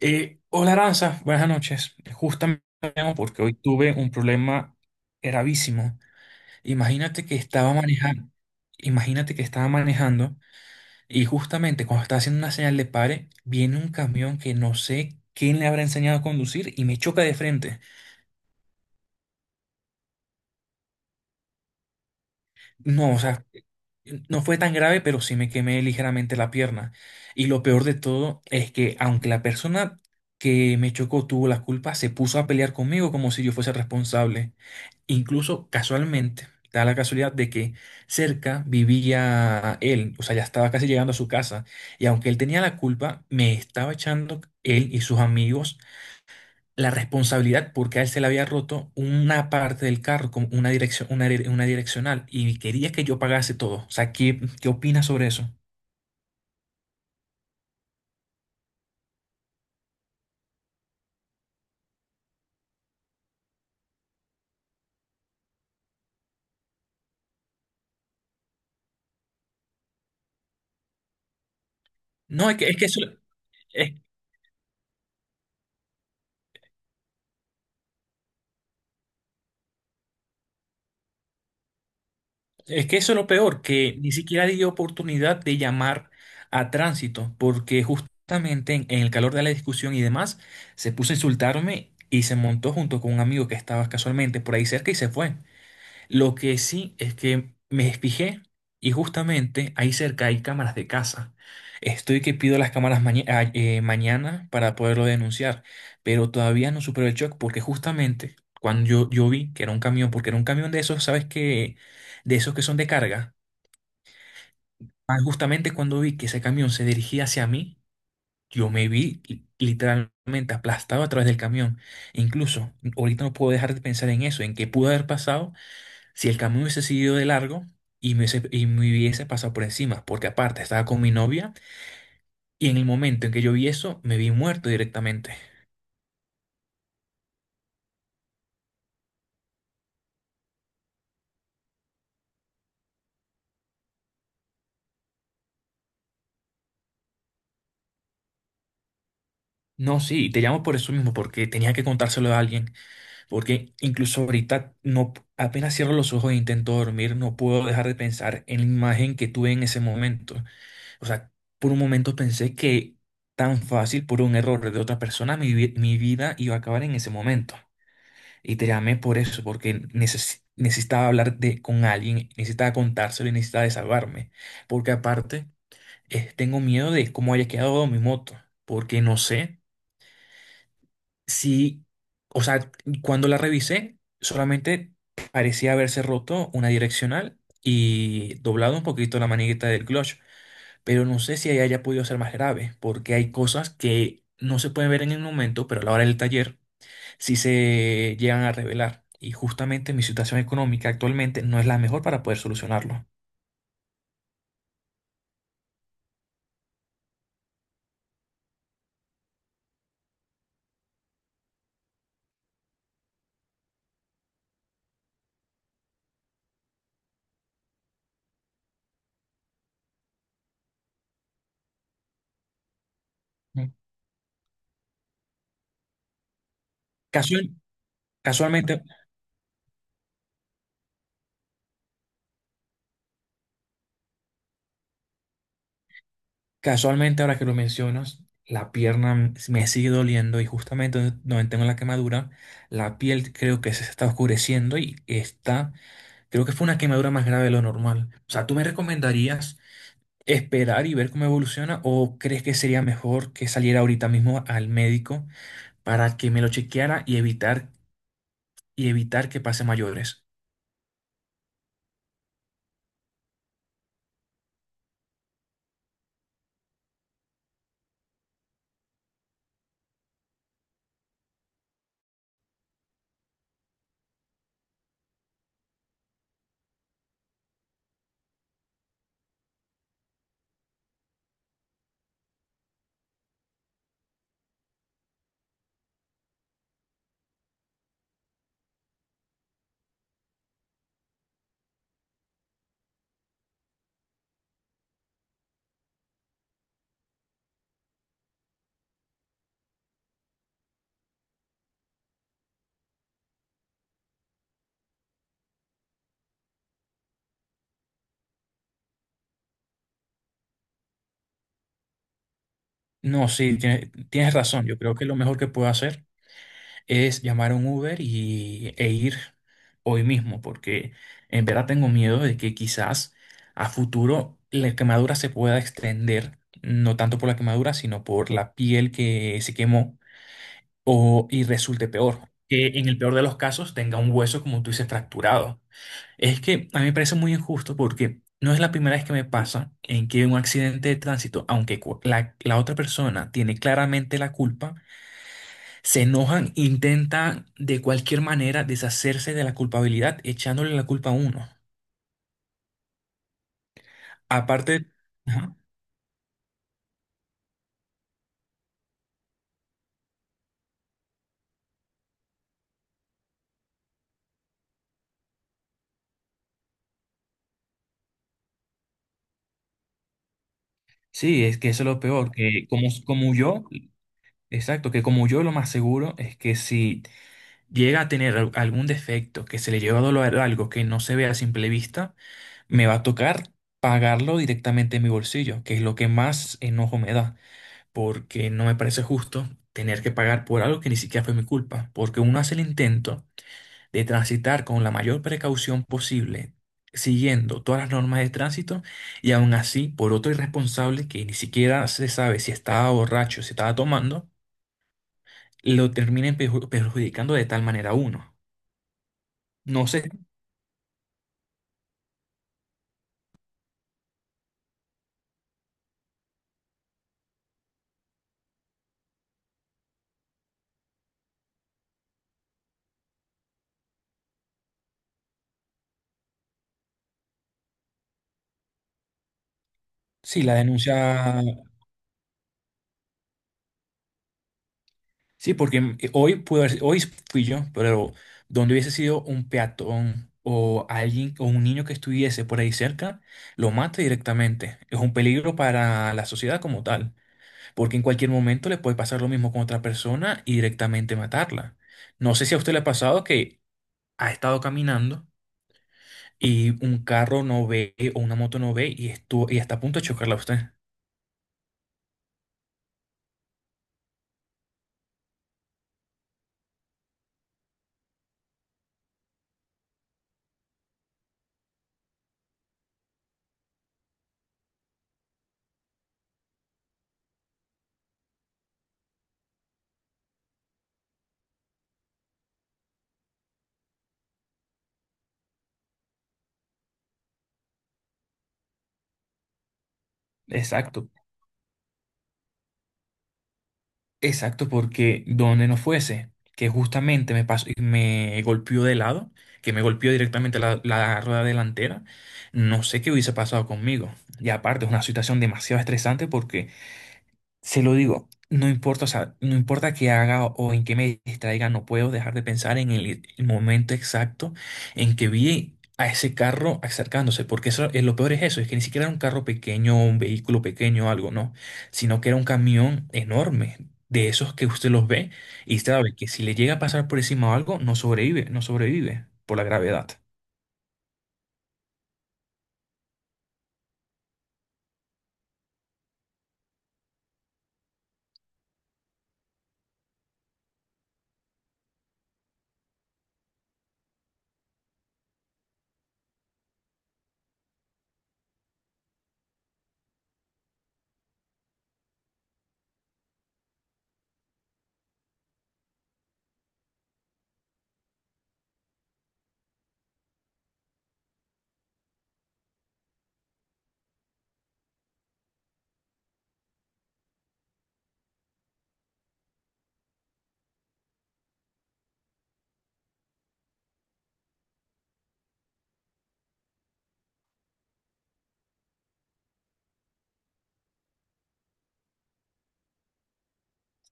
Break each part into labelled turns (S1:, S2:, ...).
S1: Hola Aranza, buenas noches. Justamente te llamo porque hoy tuve un problema gravísimo. Imagínate que estaba manejando, imagínate que estaba manejando y justamente cuando estaba haciendo una señal de pare, viene un camión que no sé quién le habrá enseñado a conducir y me choca de frente. No, o sea, no fue tan grave, pero sí me quemé ligeramente la pierna. Y lo peor de todo es que aunque la persona que me chocó tuvo la culpa, se puso a pelear conmigo como si yo fuese responsable. Incluso casualmente, da la casualidad de que cerca vivía él, o sea, ya estaba casi llegando a su casa, y aunque él tenía la culpa, me estaba echando él y sus amigos la responsabilidad porque a él se le había roto una parte del carro, como una dirección, una direccional, y quería que yo pagase todo. O sea, ¿qué opinas sobre eso? No, es que eso, Es que eso es lo peor, que ni siquiera dio oportunidad de llamar a tránsito, porque justamente en el calor de la discusión y demás, se puso a insultarme y se montó junto con un amigo que estaba casualmente por ahí cerca y se fue. Lo que sí es que me fijé y justamente ahí cerca hay cámaras de casa. Estoy que pido las cámaras mañana para poderlo denunciar, pero todavía no supero el shock porque justamente cuando yo vi que era un camión, porque era un camión de esos, ¿sabes qué? De esos que son de carga, justamente cuando vi que ese camión se dirigía hacia mí, yo me vi literalmente aplastado a través del camión. E incluso ahorita no puedo dejar de pensar en eso, en qué pudo haber pasado si el camión hubiese seguido de largo y me hubiese pasado por encima, porque aparte estaba con mi novia y en el momento en que yo vi eso, me vi muerto directamente. No, sí, te llamo por eso mismo, porque tenía que contárselo a alguien, porque incluso ahorita no, apenas cierro los ojos e intento dormir, no puedo dejar de pensar en la imagen que tuve en ese momento. O sea, por un momento pensé que tan fácil, por un error de otra persona, mi vida iba a acabar en ese momento. Y te llamé por eso, porque necesitaba hablar de, con alguien, necesitaba contárselo y necesitaba desahogarme. Porque aparte, tengo miedo de cómo haya quedado mi moto, porque no sé si, o sea, cuando la revisé, solamente parecía haberse roto una direccional y doblado un poquito la manigueta del clutch, pero no sé si ahí haya podido ser más grave, porque hay cosas que no se pueden ver en el momento, pero a la hora del taller si se llegan a revelar. Y justamente mi situación económica actualmente no es la mejor para poder solucionarlo. Mm. Casual- casualmente, Casualmente, ahora que lo mencionas, la pierna me sigue doliendo y justamente donde tengo la quemadura, la piel creo que se está oscureciendo y está, creo que fue una quemadura más grave de lo normal. O sea, ¿tú me recomendarías esperar y ver cómo evoluciona o crees que sería mejor que saliera ahorita mismo al médico para que me lo chequeara y evitar que pase mayores? No, sí, tienes razón. Yo creo que lo mejor que puedo hacer es llamar a un Uber e ir hoy mismo, porque en verdad tengo miedo de que quizás a futuro la quemadura se pueda extender, no tanto por la quemadura, sino por la piel que se quemó o, y resulte peor. Que en el peor de los casos tenga un hueso, como tú dices, fracturado. Es que a mí me parece muy injusto porque no es la primera vez que me pasa en que un accidente de tránsito, aunque la otra persona tiene claramente la culpa, se enojan, intentan de cualquier manera deshacerse de la culpabilidad, echándole la culpa a uno. Aparte, ajá, sí, es que eso es lo peor, que exacto, que como yo lo más seguro es que si llega a tener algún defecto, que se le lleva a doler algo que no se ve a simple vista, me va a tocar pagarlo directamente en mi bolsillo, que es lo que más enojo me da, porque no me parece justo tener que pagar por algo que ni siquiera fue mi culpa, porque uno hace el intento de transitar con la mayor precaución posible, siguiendo todas las normas de tránsito, y aún así, por otro irresponsable que ni siquiera se sabe si estaba borracho, si estaba tomando, lo terminen perjudicando de tal manera a uno. No sé si la denuncia. Sí, porque hoy hoy fui yo, pero donde hubiese sido un peatón o alguien o un niño que estuviese por ahí cerca, lo mata directamente. Es un peligro para la sociedad como tal, porque en cualquier momento le puede pasar lo mismo con otra persona y directamente matarla. No sé si a usted le ha pasado que ha estado caminando y un carro no ve o una moto no ve y estuvo y está a punto de chocarla a usted. Exacto. Exacto, porque donde no fuese, que justamente me pasó, me golpeó de lado, que me golpeó directamente la rueda delantera, no sé qué hubiese pasado conmigo. Y aparte, es una situación demasiado estresante porque se lo digo, no importa, o sea, no importa qué haga o en qué me distraiga, no puedo dejar de pensar en el momento exacto en que vi a ese carro acercándose, porque eso, lo peor es eso, es que ni siquiera era un carro pequeño, un vehículo pequeño o algo, no, sino que era un camión enorme, de esos que usted los ve y sabe que si le llega a pasar por encima o algo, no sobrevive, no sobrevive por la gravedad.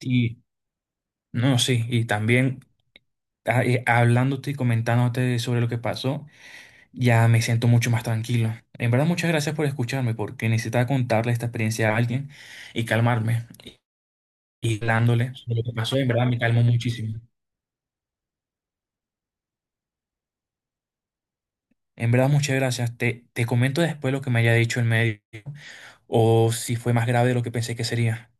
S1: Y no, sí, y también hablándote y comentándote sobre lo que pasó. Ya me siento mucho más tranquilo. En verdad, muchas gracias por escucharme, porque necesitaba contarle esta experiencia a alguien y calmarme. Y hablándole de lo que pasó, en verdad me calmó muchísimo. En verdad, muchas gracias. Te comento después lo que me haya dicho el médico o si fue más grave de lo que pensé que sería.